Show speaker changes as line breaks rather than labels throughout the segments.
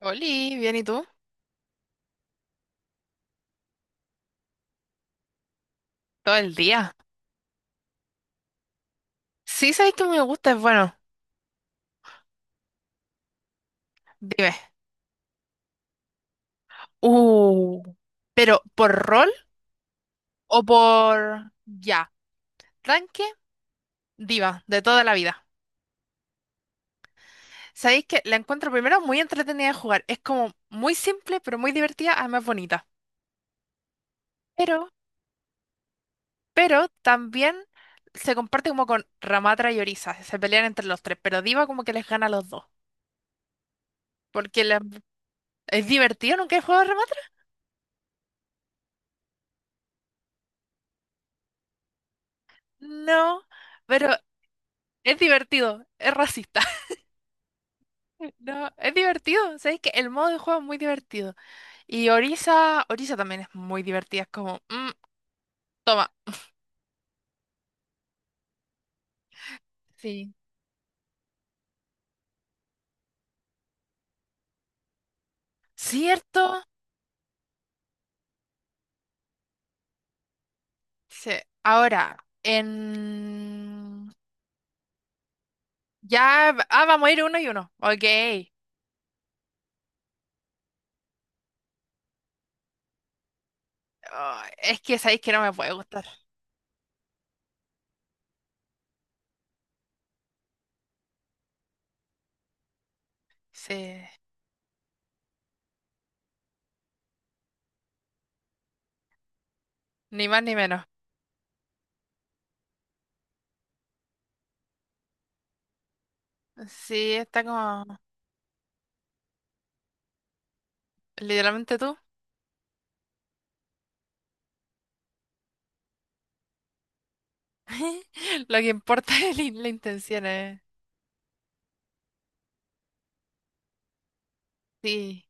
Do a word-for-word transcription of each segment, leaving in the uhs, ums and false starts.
Oli, bien, ¿y tú? Todo el día. Sí, sabes que me gusta, es bueno. Dime. Uh, pero ¿por rol o por ya? Tanque, diva, de toda la vida. Sabéis que la encuentro primero muy entretenida de jugar. Es como muy simple, pero muy divertida, además bonita. Pero, pero también se comparte como con Ramatra y Orisa. Se pelean entre los tres, pero diva como que les gana a los dos. Porque la- es divertido, ¿nunca he jugado a Ramatra? No, pero es divertido, es racista. No, es divertido, ¿sabes que el modo de juego es muy divertido? Y Orisa, Orisa también es muy divertida, es como, "Mm, toma". Sí. ¿Cierto? Sí. Ahora, en... Ya, va- ah, vamos a ir uno y uno. Ok. Ah, es que sabéis que no me puede gustar. Sí, ni más ni menos. Sí, está como literalmente tú. Lo que importa es la, in- la intención, eh. Sí.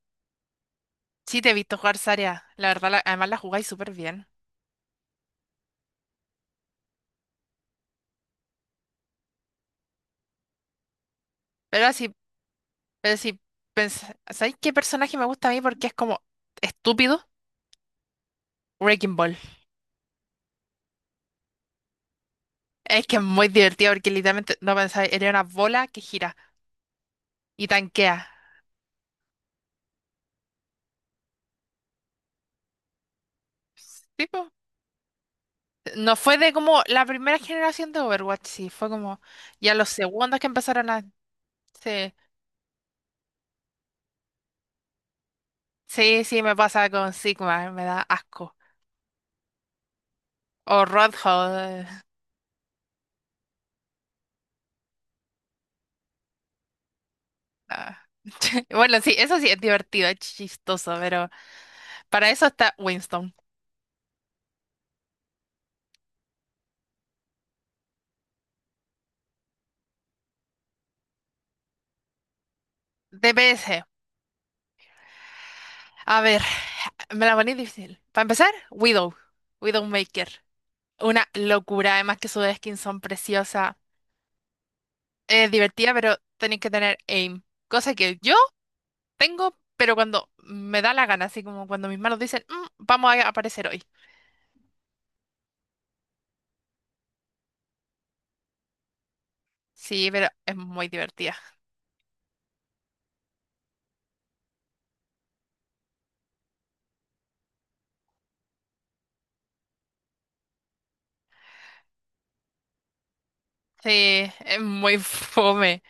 Sí, te he visto jugar Zarya. La verdad, la- además la jugáis súper bien. Pero así Pero si pensás, ¿sabéis qué personaje me gusta a mí porque es como estúpido? Wrecking Ball. Es que es muy divertido porque literalmente no pensáis, era una bola que gira y tanquea. Tipo, no fue de como la primera generación de Overwatch, sí, fue como ya los segundos que empezaron a. Sí, sí, sí, me pasa con Sigma, me da asco. O Rodhold. Ah. Bueno, sí, eso sí es divertido, es chistoso, pero para eso está Winston. D P S. A ver, me la poní difícil. Para empezar, Widow, Widowmaker. Una locura, además que sus skins son preciosas. Es divertida, pero tenéis que tener aim. Cosa que yo tengo, pero cuando me da la gana, así como cuando mis manos dicen, "Mm, vamos a aparecer hoy". Sí, pero es muy divertida. Sí, es muy fome.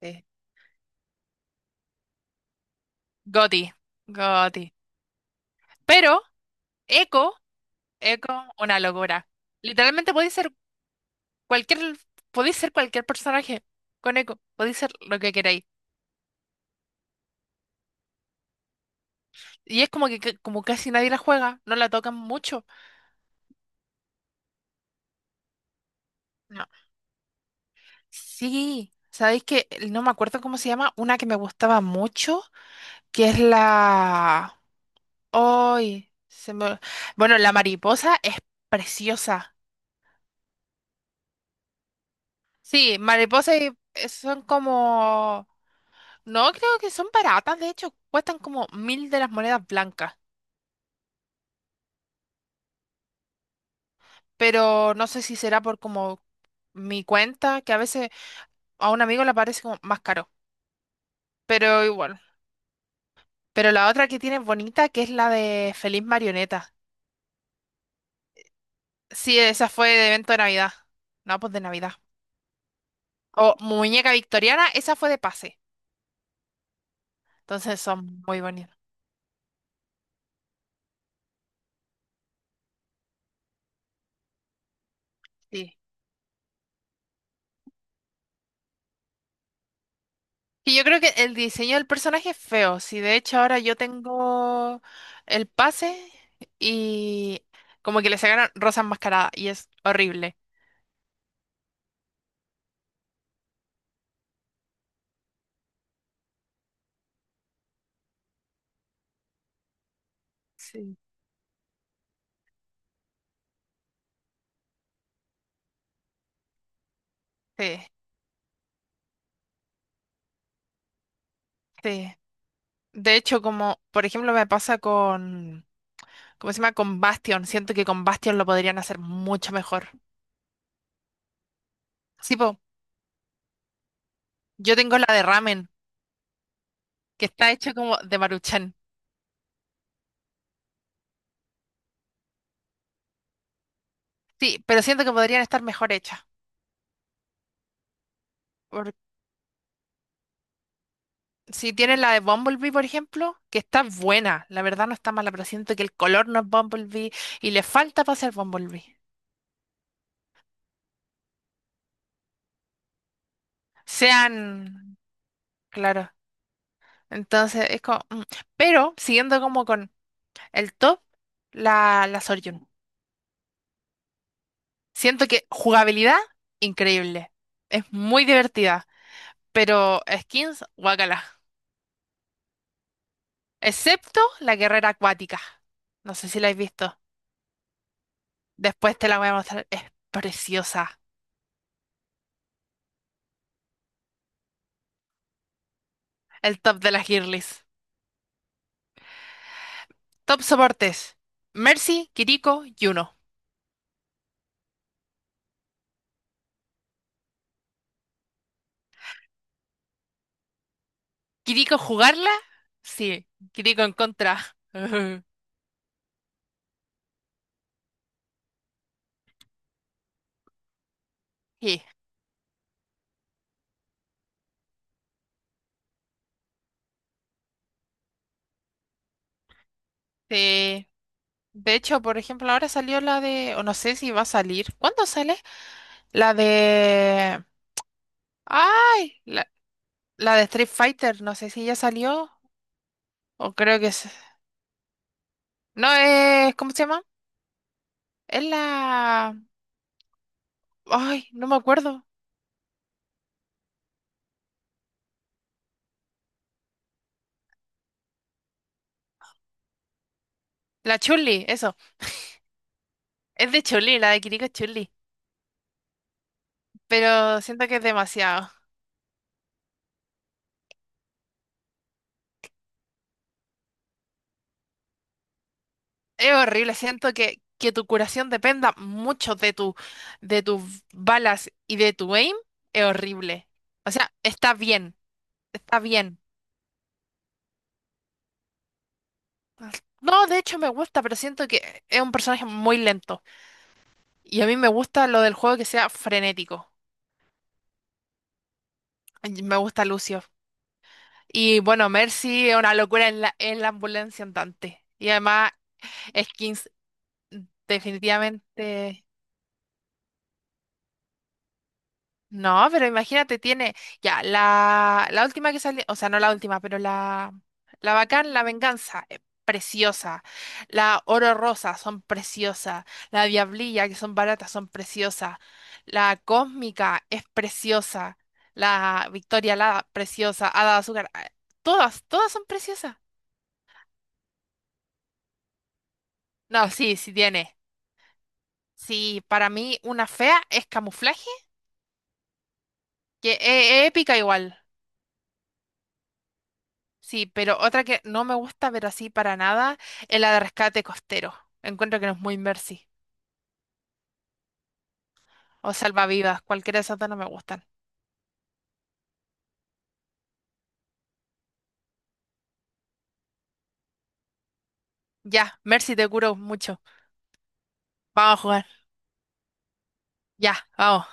Sí. Goti, Goti. Pero, Echo, Echo, una locura. Literalmente podéis ser Cualquier, podéis ser cualquier personaje con eco, podéis ser lo que queráis. Y es como que ca- como casi nadie la juega, no la tocan mucho. No. Sí, sabéis que no me acuerdo cómo se llama, una que me gustaba mucho, que es la... ay se me... Bueno, la mariposa es preciosa. Sí, mariposas y eh, son como... No, creo que son baratas, de hecho, cuestan como mil de las monedas blancas. Pero no sé si será por como mi cuenta, que a veces a un amigo le parece como más caro, pero igual. Pero la otra que tiene es bonita, que es la de Feliz Marioneta. Sí, esa fue de evento de Navidad. No, pues de Navidad. O Muñeca Victoriana, esa fue de pase. Entonces son muy bonitas. Sí. Y yo creo que el diseño del personaje es feo. Sí, de hecho ahora yo tengo el pase y como que le sacaron Rosa Enmascarada y es horrible. Sí. Sí, sí. De hecho, como por ejemplo me pasa con, ¿cómo se llama? Con Bastion. Siento que con Bastion lo podrían hacer mucho mejor. Sí, po, yo tengo la de ramen, que está hecha como de Maruchan. Sí, pero siento que podrían estar mejor hechas. Por- si tienes la de Bumblebee, por ejemplo, que está buena, la verdad no está mala, pero siento que el color no es Bumblebee y le falta para ser Bumblebee. Sean, claro. Entonces es como, mm. Pero siguiendo como con el top, la, la Soryun. Siento que jugabilidad, increíble. Es muy divertida, pero skins, guacala. Excepto la guerrera acuática. No sé si la has visto. Después te la voy a mostrar. Es preciosa. El top de las girlies. Top soportes. Mercy, Kiriko, Yuno. ¿Kiriko jugarla? Sí. Kiriko en contra. Sí. Sí. De hecho, por ejemplo, ahora salió la de... O no sé si va a salir. ¿Cuándo sale? La de... ¡Ay! La de Street Fighter, no sé si ya salió o creo que es... No, es... ¿Cómo se llama? Es la... Ay, no me acuerdo. La Chuli, eso. Es de Chuli, la de Kiriko es Chuli. Pero siento que es demasiado. Es horrible, siento que, que tu curación dependa mucho de tu, de tus balas y de tu aim. Es horrible. O sea, está bien, está bien. No, de hecho me gusta, pero siento que es un personaje muy lento. Y a mí me gusta lo del juego que sea frenético. Ay, me gusta Lucio. Y bueno, Mercy es una locura en la, en la ambulancia andante. Y además, skins definitivamente... No, pero imagínate, tiene ya la, la última que salió, o sea, no la última, pero la, la Bacán, la Venganza, es preciosa. La Oro Rosa, son preciosas. La Diablilla, que son baratas, son preciosas. La Cósmica es preciosa. La Victoria la preciosa. Hada de Azúcar, ah, todas, todas son preciosas. No, sí, sí tiene. Sí, para mí una fea es camuflaje, que es épica igual. Sí, pero otra que no me gusta ver así para nada es la de rescate costero. Encuentro que no es muy Mercy. O salvavidas, cualquiera de esas dos no me gustan. Ya, Mercy te curo mucho. Vamos a jugar. Ya, vamos.